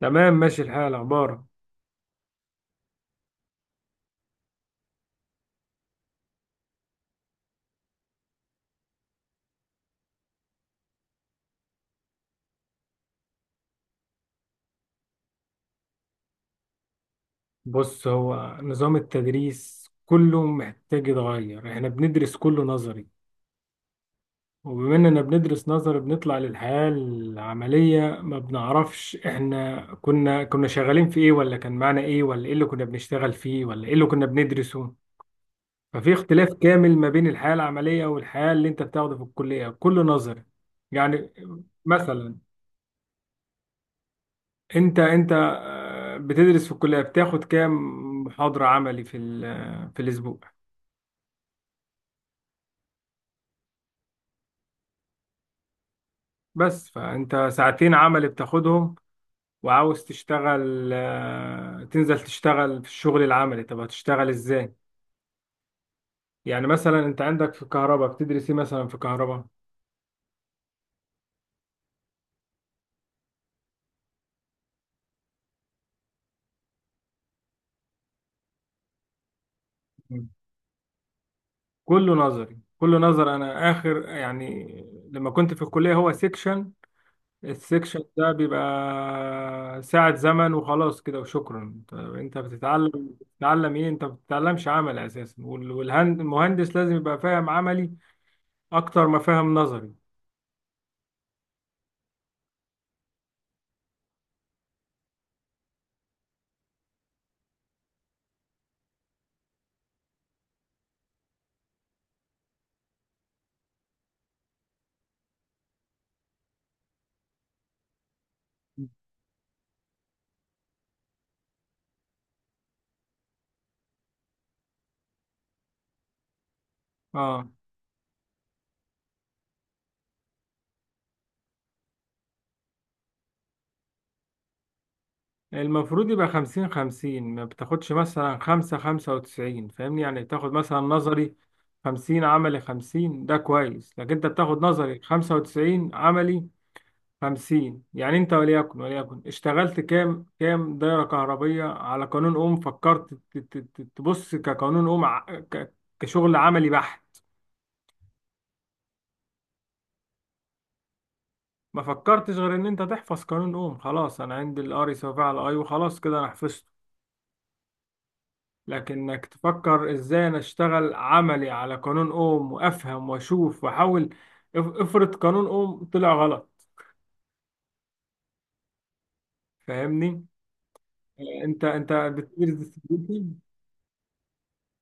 تمام، ماشي الحال. اخبارك؟ بص، هو نظام التدريس كله محتاج يتغير. احنا بندرس كله نظري، وبما اننا بندرس نظري بنطلع للحياة العملية ما بنعرفش احنا كنا شغالين في ايه، ولا كان معانا ايه، ولا ايه اللي كنا بنشتغل فيه، ولا ايه اللي كنا بندرسه. ففي اختلاف كامل ما بين الحياة العملية والحياة اللي انت بتاخده في الكلية، كله نظري. يعني مثلا انت بتدرس في الكلية بتاخد كام محاضرة عملي في في الأسبوع؟ بس فانت ساعتين عملي بتاخدهم، وعاوز تشتغل، تنزل تشتغل في الشغل العملي، طب هتشتغل ازاي؟ يعني مثلا انت عندك في الكهرباء بتدرس ايه مثلا في الكهرباء؟ مم. كله نظري، كله نظر. انا اخر يعني لما كنت في الكلية هو سيكشن، السكشن ده بيبقى ساعة زمن وخلاص كده وشكرا. طب انت بتتعلم ايه؟ انت ما بتتعلمش عمل اساسا، والمهندس لازم يبقى فاهم عملي اكتر ما فاهم نظري. اه، المفروض يبقى خمسين خمسين، ما بتاخدش مثلا خمسة خمسة وتسعين، فاهمني؟ يعني تاخد مثلا نظري خمسين عملي خمسين، ده كويس. لكن انت بتاخد نظري خمسة وتسعين عملي خمسين، يعني انت وليكن اشتغلت كام دايرة كهربية على قانون أم؟ فكرت تبص كقانون أم كشغل عملي بحت؟ ما فكرتش غير ان انت تحفظ قانون أم. خلاص، انا عندي الار يساوي فيه على اي، وخلاص كده انا حفظته. لكنك تفكر ازاي انا اشتغل عملي على قانون أم وافهم واشوف واحاول. افرض قانون أم طلع غلط. فاهمني؟ انت بتدرس distribution؟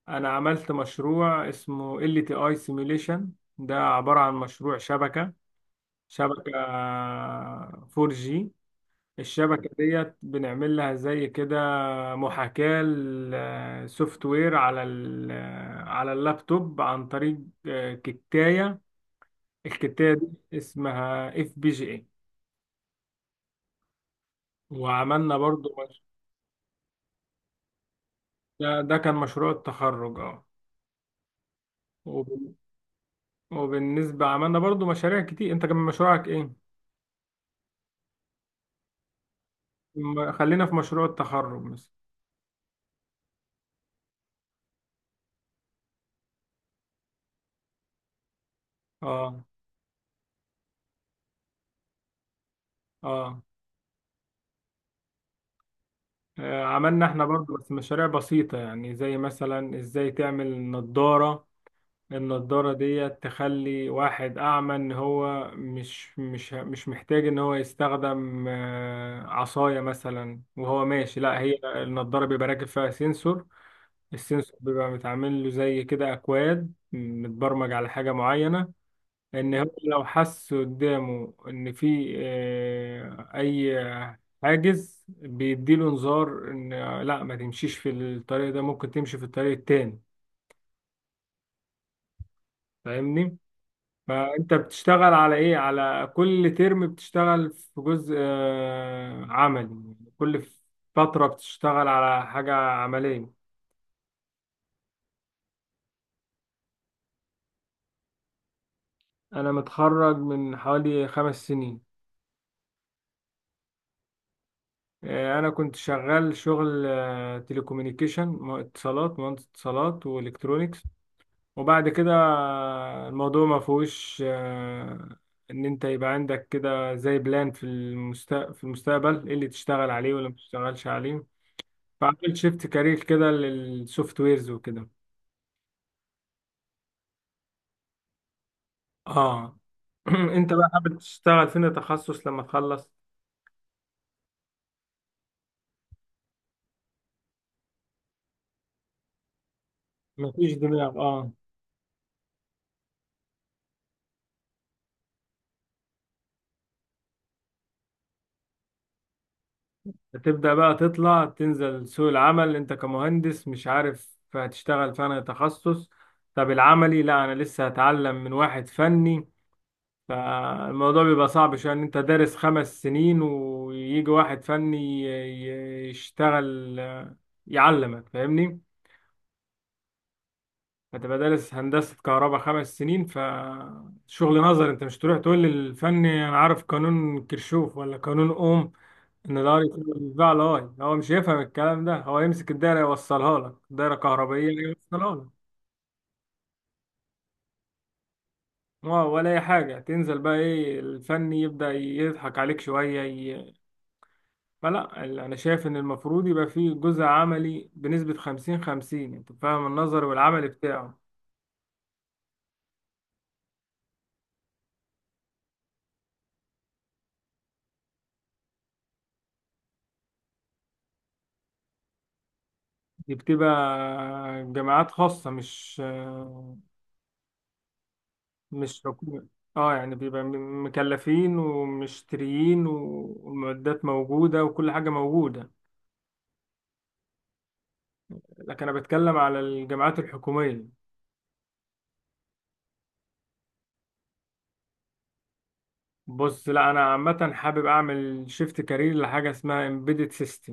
انا عملت مشروع اسمه ال تي اي سيميوليشن. ده عبارة عن مشروع شبكة 4G. الشبكة ديت بنعمل لها زي كده محاكاة لسوفت وير على على اللابتوب عن طريق كتاية. الكتاية دي اسمها اف بي جي اي. وعملنا برضو مش... ده كان مشروع التخرج، اه. وب- وبالنسبة عملنا برضو مشاريع كتير. انت كان مشروعك ايه؟ خلينا في مشروع التخرج مثلا. اه، اه، عملنا احنا برضو بس مشاريع بسيطة، يعني زي مثلا ازاي تعمل نضارة. النضارة دي تخلي واحد أعمى إن هو مش محتاج إن هو يستخدم عصاية مثلا وهو ماشي، لا. هي النضارة بيبقى راكب فيها سنسور. السنسور بيبقى متعمل له زي كده أكواد متبرمج على حاجة معينة، ان هو لو حس قدامه ان في اي حاجز بيديله انذار ان لا ما تمشيش في الطريق ده، ممكن تمشي في الطريق التاني. فاهمني؟ فانت بتشتغل على ايه؟ على كل ترم بتشتغل في جزء عملي، كل فترة بتشتغل على حاجة عملية. انا متخرج من حوالي 5 سنين. انا كنت شغال شغل تليكومينيكيشن، اتصالات، مهندس اتصالات والكترونيكس. وبعد كده الموضوع ما فيهوش ان انت يبقى عندك كده زي بلان في في المستقبل ايه اللي تشتغل عليه ولا ما تشتغلش عليه. فعملت شيفت كارير كده للسوفت ويرز وكده. اه. انت بقى حابب تشتغل فين تخصص لما تخلص؟ مفيش دماغ، اه. هتبدأ بقى تطلع تنزل سوق العمل، انت كمهندس مش عارف هتشتغل فين تخصص؟ طب العملي لا، انا لسه هتعلم من واحد فني. فالموضوع بيبقى صعب، عشان يعني انت دارس 5 سنين ويجي واحد فني يشتغل يعلمك، فاهمني؟ هتبقى دارس هندسة كهرباء 5 سنين فشغل نظر، انت مش تروح تقول للفني انا عارف قانون كرشوف ولا قانون اوم، ان الار يساوي البتاع لاي. هو مش هيفهم الكلام ده. هو يمسك الدايرة يوصلها لك، دايرة كهربائية يوصلها لك، اه، ولا اي حاجة تنزل بقى ايه الفني يبدأ يضحك عليك شوية. فلا، انا شايف ان المفروض يبقى فيه جزء عملي بنسبة 50 50، انت فاهم، النظر والعمل بتاعه. دي بتبقى جامعات خاصة، مش حكومة. اه، يعني بيبقى مكلفين ومشتريين والمعدات موجودة وكل حاجة موجودة. لكن انا بتكلم على الجامعات الحكومية. بص لا، انا عامة حابب اعمل شيفت كارير لحاجة اسمها embedded system.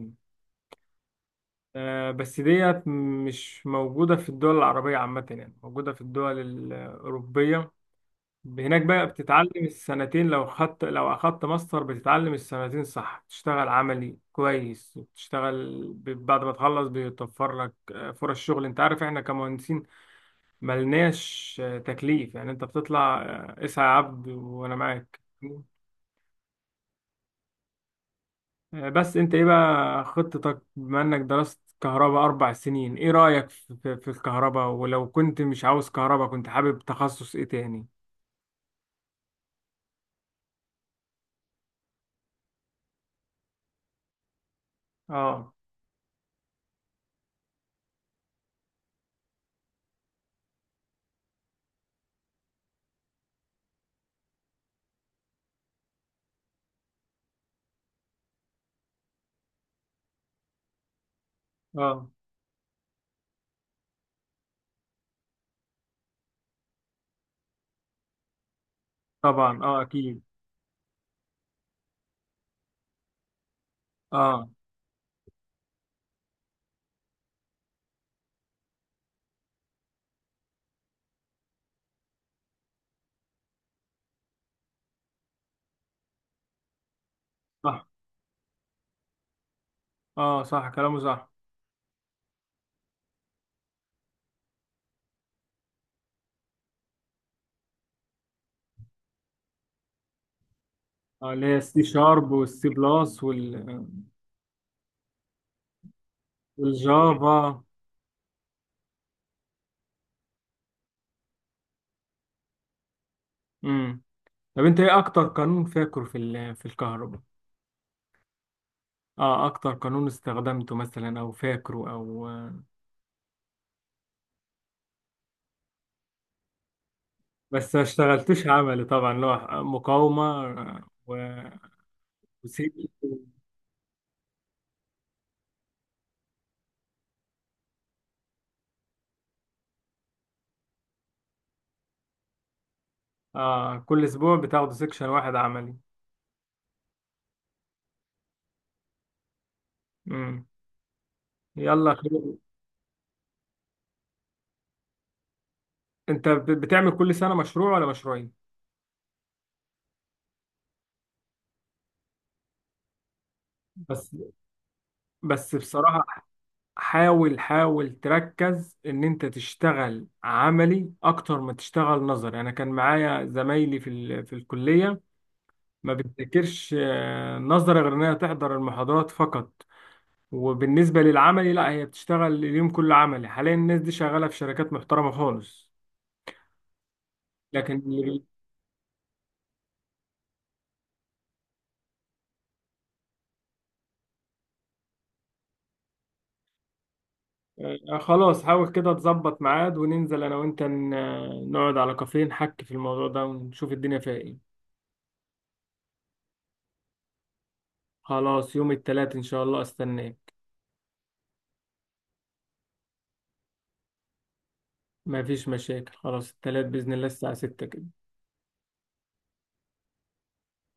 بس ديت مش موجودة في الدول العربية عامة، يعني موجودة في الدول الأوروبية. هناك بقى بتتعلم السنتين لو أخدت ماستر بتتعلم السنتين صح، بتشتغل عملي كويس وبتشتغل بعد ما تخلص بيتوفر لك فرص شغل. أنت عارف إحنا كمهندسين ملناش تكليف. يعني أنت بتطلع، اسعى يا عبد وأنا معاك. بس انت ايه بقى خطتك؟ بما انك درست كهرباء 4 سنين، ايه رأيك في في الكهرباء؟ ولو كنت مش عاوز كهرباء، كنت حابب تخصص ايه تاني؟ اه، اه، طبعا، اه، اكيد، اه، صح، اه، صح كلامه صح. اه، اللي هي السي شارب والسي بلس وال والجافا. امم. طب انت ايه اكتر قانون فاكره في في الكهرباء؟ اه، اكتر قانون استخدمته مثلا او فاكره او. بس ما اشتغلتوش عملي طبعا، اللي هو مقاومة وسيكشن. آه كل أسبوع بتاخدوا سيكشن واحد عملي؟ مم. يلا خير. أنت بتعمل كل سنة مشروع ولا مشروعين؟ بس بس بصراحة، حاول تركز إن أنت تشتغل عملي أكتر ما تشتغل نظري. أنا كان معايا زمايلي في في الكلية ما بتذاكرش نظري غير إنها تحضر المحاضرات فقط. وبالنسبة للعملي لا، هي بتشتغل اليوم كله عملي. حاليا الناس دي شغالة في شركات محترمة خالص. لكن اللي بي... خلاص، حاول كده تظبط ميعاد وننزل أنا وأنت، نقعد على كافيه نحكي في الموضوع ده ونشوف الدنيا فيها إيه. خلاص، يوم التلات إن شاء الله أستناك. مفيش مشاكل، خلاص، التلات بإذن الله الساعة 6 كده.